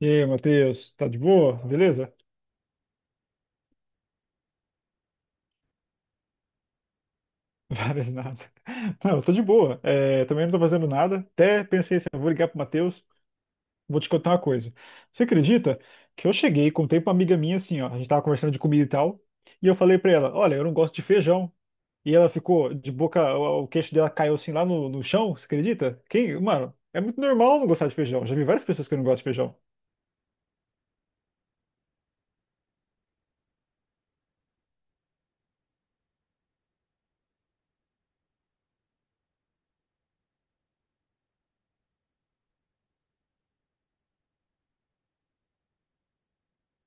E aí, Matheus, tá de boa? Beleza? Várias nada. Não, eu tô de boa. É, também não tô fazendo nada. Até pensei assim, eu vou ligar pro Matheus, vou te contar uma coisa. Você acredita que eu cheguei, e contei pra uma amiga minha assim, ó, a gente tava conversando de comida e tal, e eu falei pra ela, olha, eu não gosto de feijão. E ela ficou de boca, o queixo dela caiu assim lá no chão, você acredita? Quem, mano, é muito normal não gostar de feijão. Já vi várias pessoas que não gostam de feijão.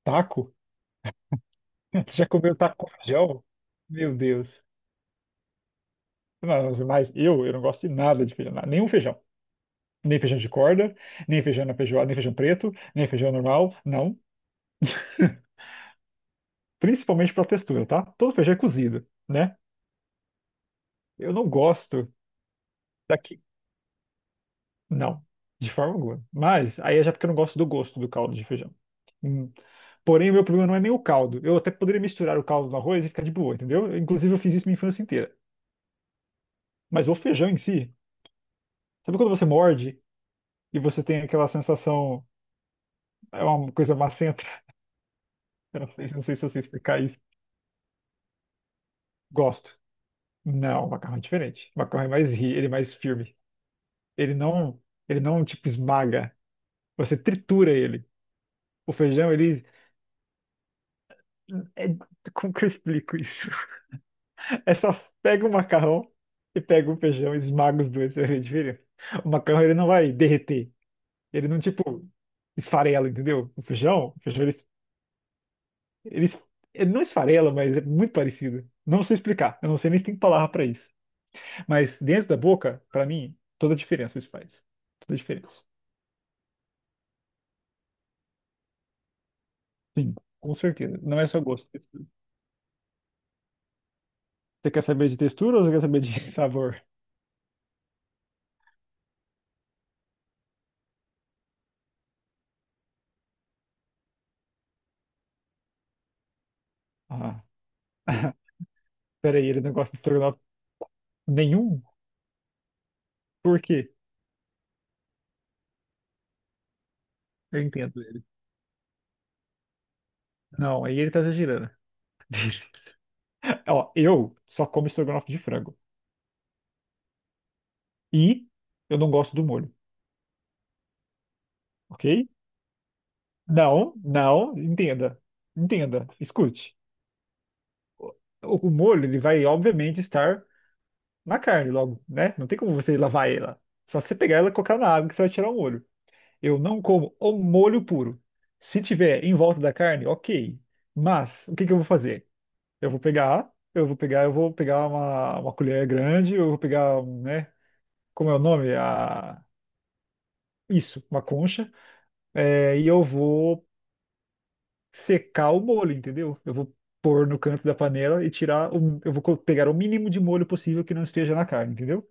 Taco? Você já comeu taco com feijão? Meu Deus. Não, mas eu não gosto de nada de feijão, nenhum feijão. Nem feijão de corda, nem feijão na feijoada, nem feijão preto, nem feijão normal, não. Principalmente pela textura, tá? Todo feijão é cozido, né? Eu não gosto daqui. Não, de forma alguma. Mas aí é já porque eu não gosto do gosto do caldo de feijão. Hum. Porém, o meu problema não é nem o caldo. Eu até poderia misturar o caldo no arroz e ficar de boa, entendeu? Inclusive, eu fiz isso minha infância inteira. Mas o feijão em si, sabe quando você morde e você tem aquela sensação, é uma coisa macenta? Eu não sei, não sei se eu sei explicar isso. Gosto. Não, o macarrão é diferente. O macarrão é mais rígido, ele é mais firme. Ele não, ele não tipo esmaga. Você tritura ele. O feijão, ele é- como que eu explico isso? É só pega o macarrão e pega o feijão, esmaga os dois, você vê a diferença. O macarrão ele não vai derreter. Ele não tipo esfarela, entendeu? O feijão, o feijão ele, ele, ele não esfarela, mas é muito parecido. Não sei explicar. Eu não sei nem se tem palavra pra isso. Mas dentro da boca, pra mim, toda a diferença isso faz. Toda a diferença. Sim, com certeza. Não é só gosto. Você quer saber de textura ou você quer saber de sabor? Ah. Pera aí, ele não gosta de estrogonofe nenhum? Por quê? Eu entendo ele. Não, aí ele tá exagerando. Ó, eu só como estrogonofe de frango. E eu não gosto do molho, ok? Não, não, entenda. Entenda, escute. O, o molho, ele vai, obviamente, estar na carne logo, né? Não tem como você lavar ela. Só você pegar ela e colocar na água que você vai tirar o molho. Eu não como o molho puro. Se tiver em volta da carne, ok. Mas o que que eu vou fazer? Eu vou pegar, eu vou pegar, eu vou pegar uma colher grande, eu vou pegar, um, né? Como é o nome? A... Isso, uma concha. É, e eu vou secar o molho, entendeu? Eu vou pôr no canto da panela e tirar o, eu vou co- pegar o mínimo de molho possível que não esteja na carne, entendeu?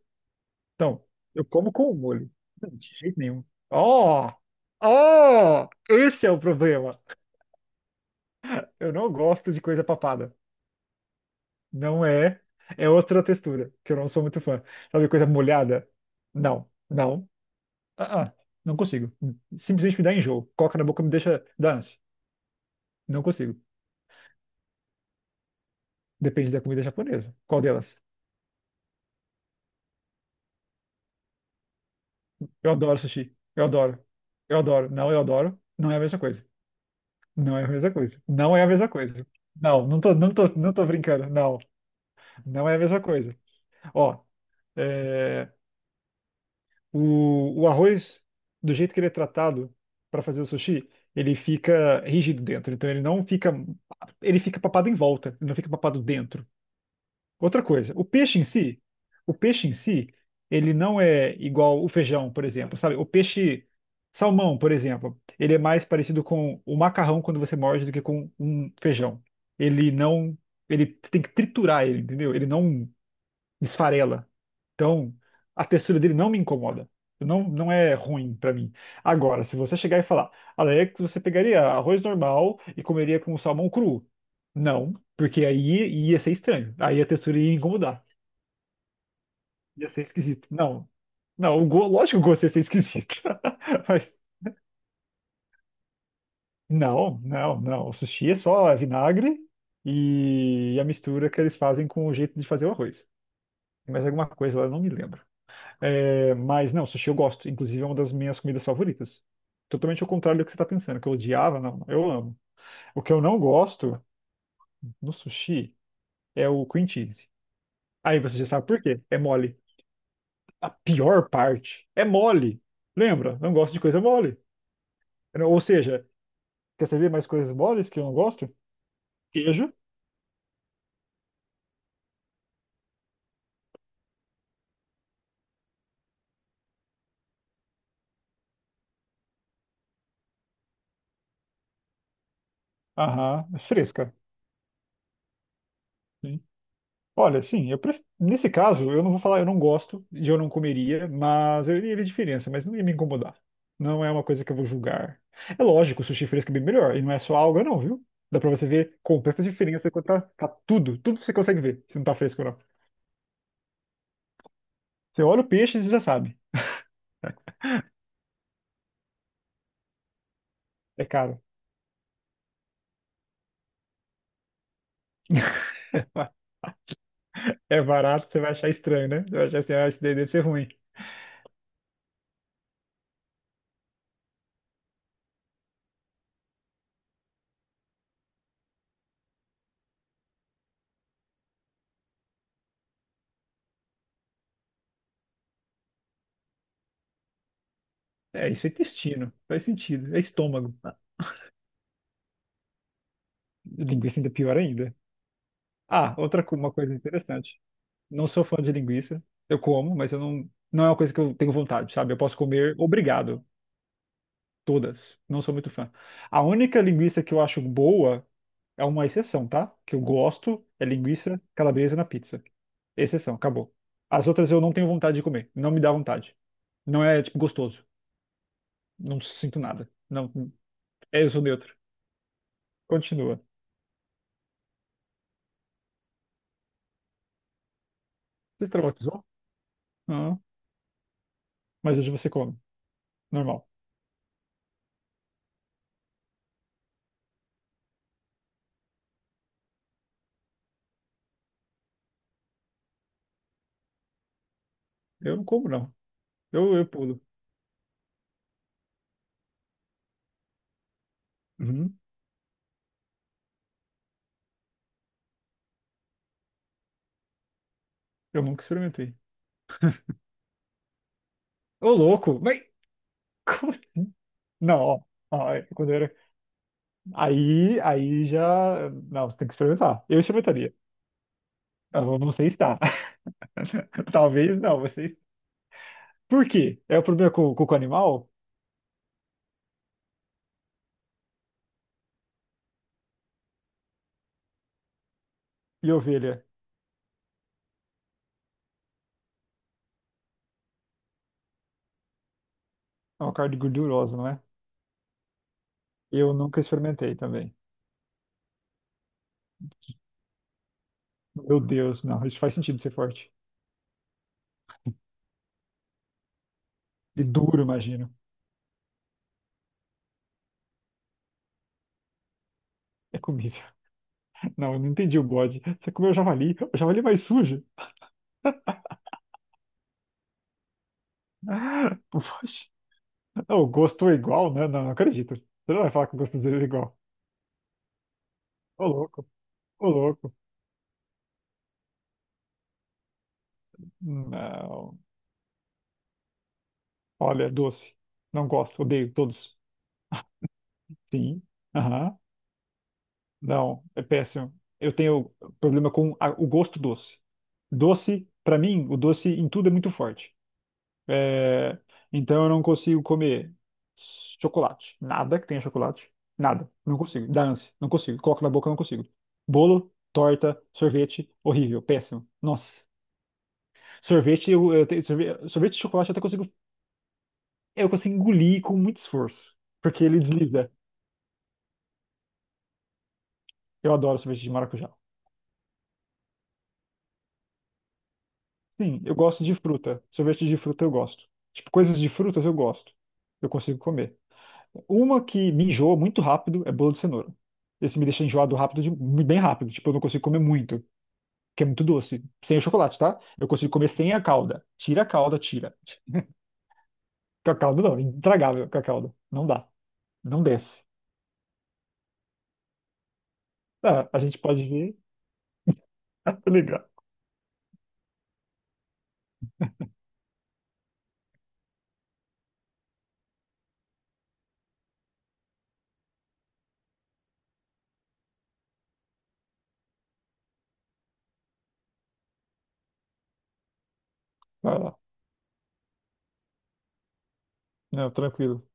Então, eu como com o molho. Não, de jeito nenhum. Ó! Ó! Esse é o problema. Eu não gosto de coisa papada. Não é. É outra textura, que eu não sou muito fã. Sabe, coisa molhada? Não, não. Ah, ah, não consigo. Simplesmente me dá enjoo. Coca na boca me deixa dar ânsia. Não consigo. Depende da comida japonesa. Qual delas? Eu adoro sushi. Eu adoro. Eu adoro. Não, eu adoro. Não é a mesma coisa. Não é a mesma coisa. Não é a mesma coisa. Não, não tô brincando. Não. Não é a mesma coisa. Ó, é, o arroz, do jeito que ele é tratado para fazer o sushi, ele fica rígido dentro. Então ele não fica. Ele fica papado em volta, ele não fica papado dentro. Outra coisa, o peixe em si, ele não é igual o feijão, por exemplo, sabe? O peixe salmão, por exemplo, ele é mais parecido com o macarrão quando você morde do que com um feijão. Ele não. Ele tem que triturar ele, entendeu? Ele não esfarela. Então, a textura dele não me incomoda. Não, não é ruim pra mim. Agora, se você chegar e falar, Alex, você pegaria arroz normal e comeria com salmão cru? Não, porque aí ia ser estranho. Aí a textura ia incomodar. Ia ser esquisito. Não. Não, o go... lógico que o gosto ia ser esquisito. Mas não. O sushi é só vinagre e a mistura que eles fazem com o jeito de fazer o arroz. Mais alguma coisa lá, eu não me lembro. É, mas não, sushi eu gosto. Inclusive é uma das minhas comidas favoritas. Totalmente ao contrário do que você está pensando, que eu odiava, não, eu amo. O que eu não gosto no sushi é o cream cheese. Aí você já sabe por quê. É mole. A pior parte é mole. Lembra? Não gosto de coisa mole. Ou seja, quer saber mais coisas moles que eu não gosto? Queijo. Aham, fresca. Olha, sim, eu pref- nesse caso, eu não vou falar, eu não gosto e eu não comeria, mas eu iria ver diferença, mas não ia me incomodar. Não é uma coisa que eu vou julgar. É lógico, o sushi fresco é bem melhor, e não é só alga, não, viu? Dá pra você ver completa diferença quando tá tudo, tudo você consegue ver, se não tá fresco ou não. Você olha o peixe e já sabe, é caro. É barato, você vai achar estranho, né? Você vai achar assim, ah, isso daí deve ser ruim. É, isso é intestino, faz sentido, é estômago. Ah, Linguiça ainda é pior ainda. Ah, outra co- uma coisa interessante. Não sou fã de linguiça. Eu como, mas eu não, não é uma coisa que eu tenho vontade, sabe? Eu posso comer, obrigado, todas. Não sou muito fã. A única linguiça que eu acho boa é uma exceção, tá? Que eu gosto é linguiça calabresa na pizza. Exceção, acabou. As outras eu não tenho vontade de comer. Não me dá vontade. Não é, tipo, gostoso. Não sinto nada. Não, é, eu sou neutro. Continua. Você traumatizou? Não, mas hoje você come. Normal. Eu não como, não. Eu pulo. Uhum. Eu nunca experimentei. Ô, louco, mas como assim? Não, ó, ó, é, quando eu era. Aí, aí já. Não, você tem que experimentar. Eu experimentaria. Eu não sei se dá. Talvez não, vocês. Por quê? É o problema com o animal e ovelha. É uma carne gordurosa, não é? Eu nunca experimentei também. Meu Deus, não, isso faz sentido ser forte. E duro, imagino. É comível. Não, eu não entendi o bode. Você comeu javali? O javali é mais sujo? Ah, O bode. Não, o gosto é igual, né? Não, não acredito. Você não vai falar que o gosto dele é igual. Ô louco, ô louco. Não. Olha, doce. Não gosto, odeio todos. Sim. Aham. Não, é péssimo. Eu tenho problema com a- o gosto doce. Doce, pra mim, o doce em tudo é muito forte. É, então eu não consigo comer chocolate. Nada que tenha chocolate. Nada. Não consigo. Dá ânsia. Não consigo. Coloco na boca, não consigo. Bolo, torta, sorvete, horrível, péssimo. Nossa. Sorvete, eu tenho, sorvete de chocolate eu até consigo. Eu consigo engolir com muito esforço, porque ele desliza. Eu adoro sorvete de maracujá. Sim, eu gosto de fruta. Sorvete de fruta eu gosto. Tipo, coisas de frutas eu gosto. Eu consigo comer. Uma que me enjoa muito rápido é bolo de cenoura. Esse me deixa enjoado rápido, de- bem rápido. Tipo, eu não consigo comer muito, porque é muito doce. Sem o chocolate, tá? Eu consigo comer sem a calda. Tira a calda, tira. Com a calda não, é intragável com a calda. Não dá. Não desce. Ah, a gente pode ver. Ah, legal. Não, tranquilo.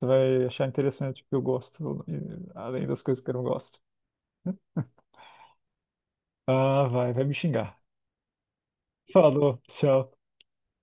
Você vai achar interessante o que eu gosto, e- além das coisas que eu não gosto. Ah, vai, vai me xingar. Falou, tchau.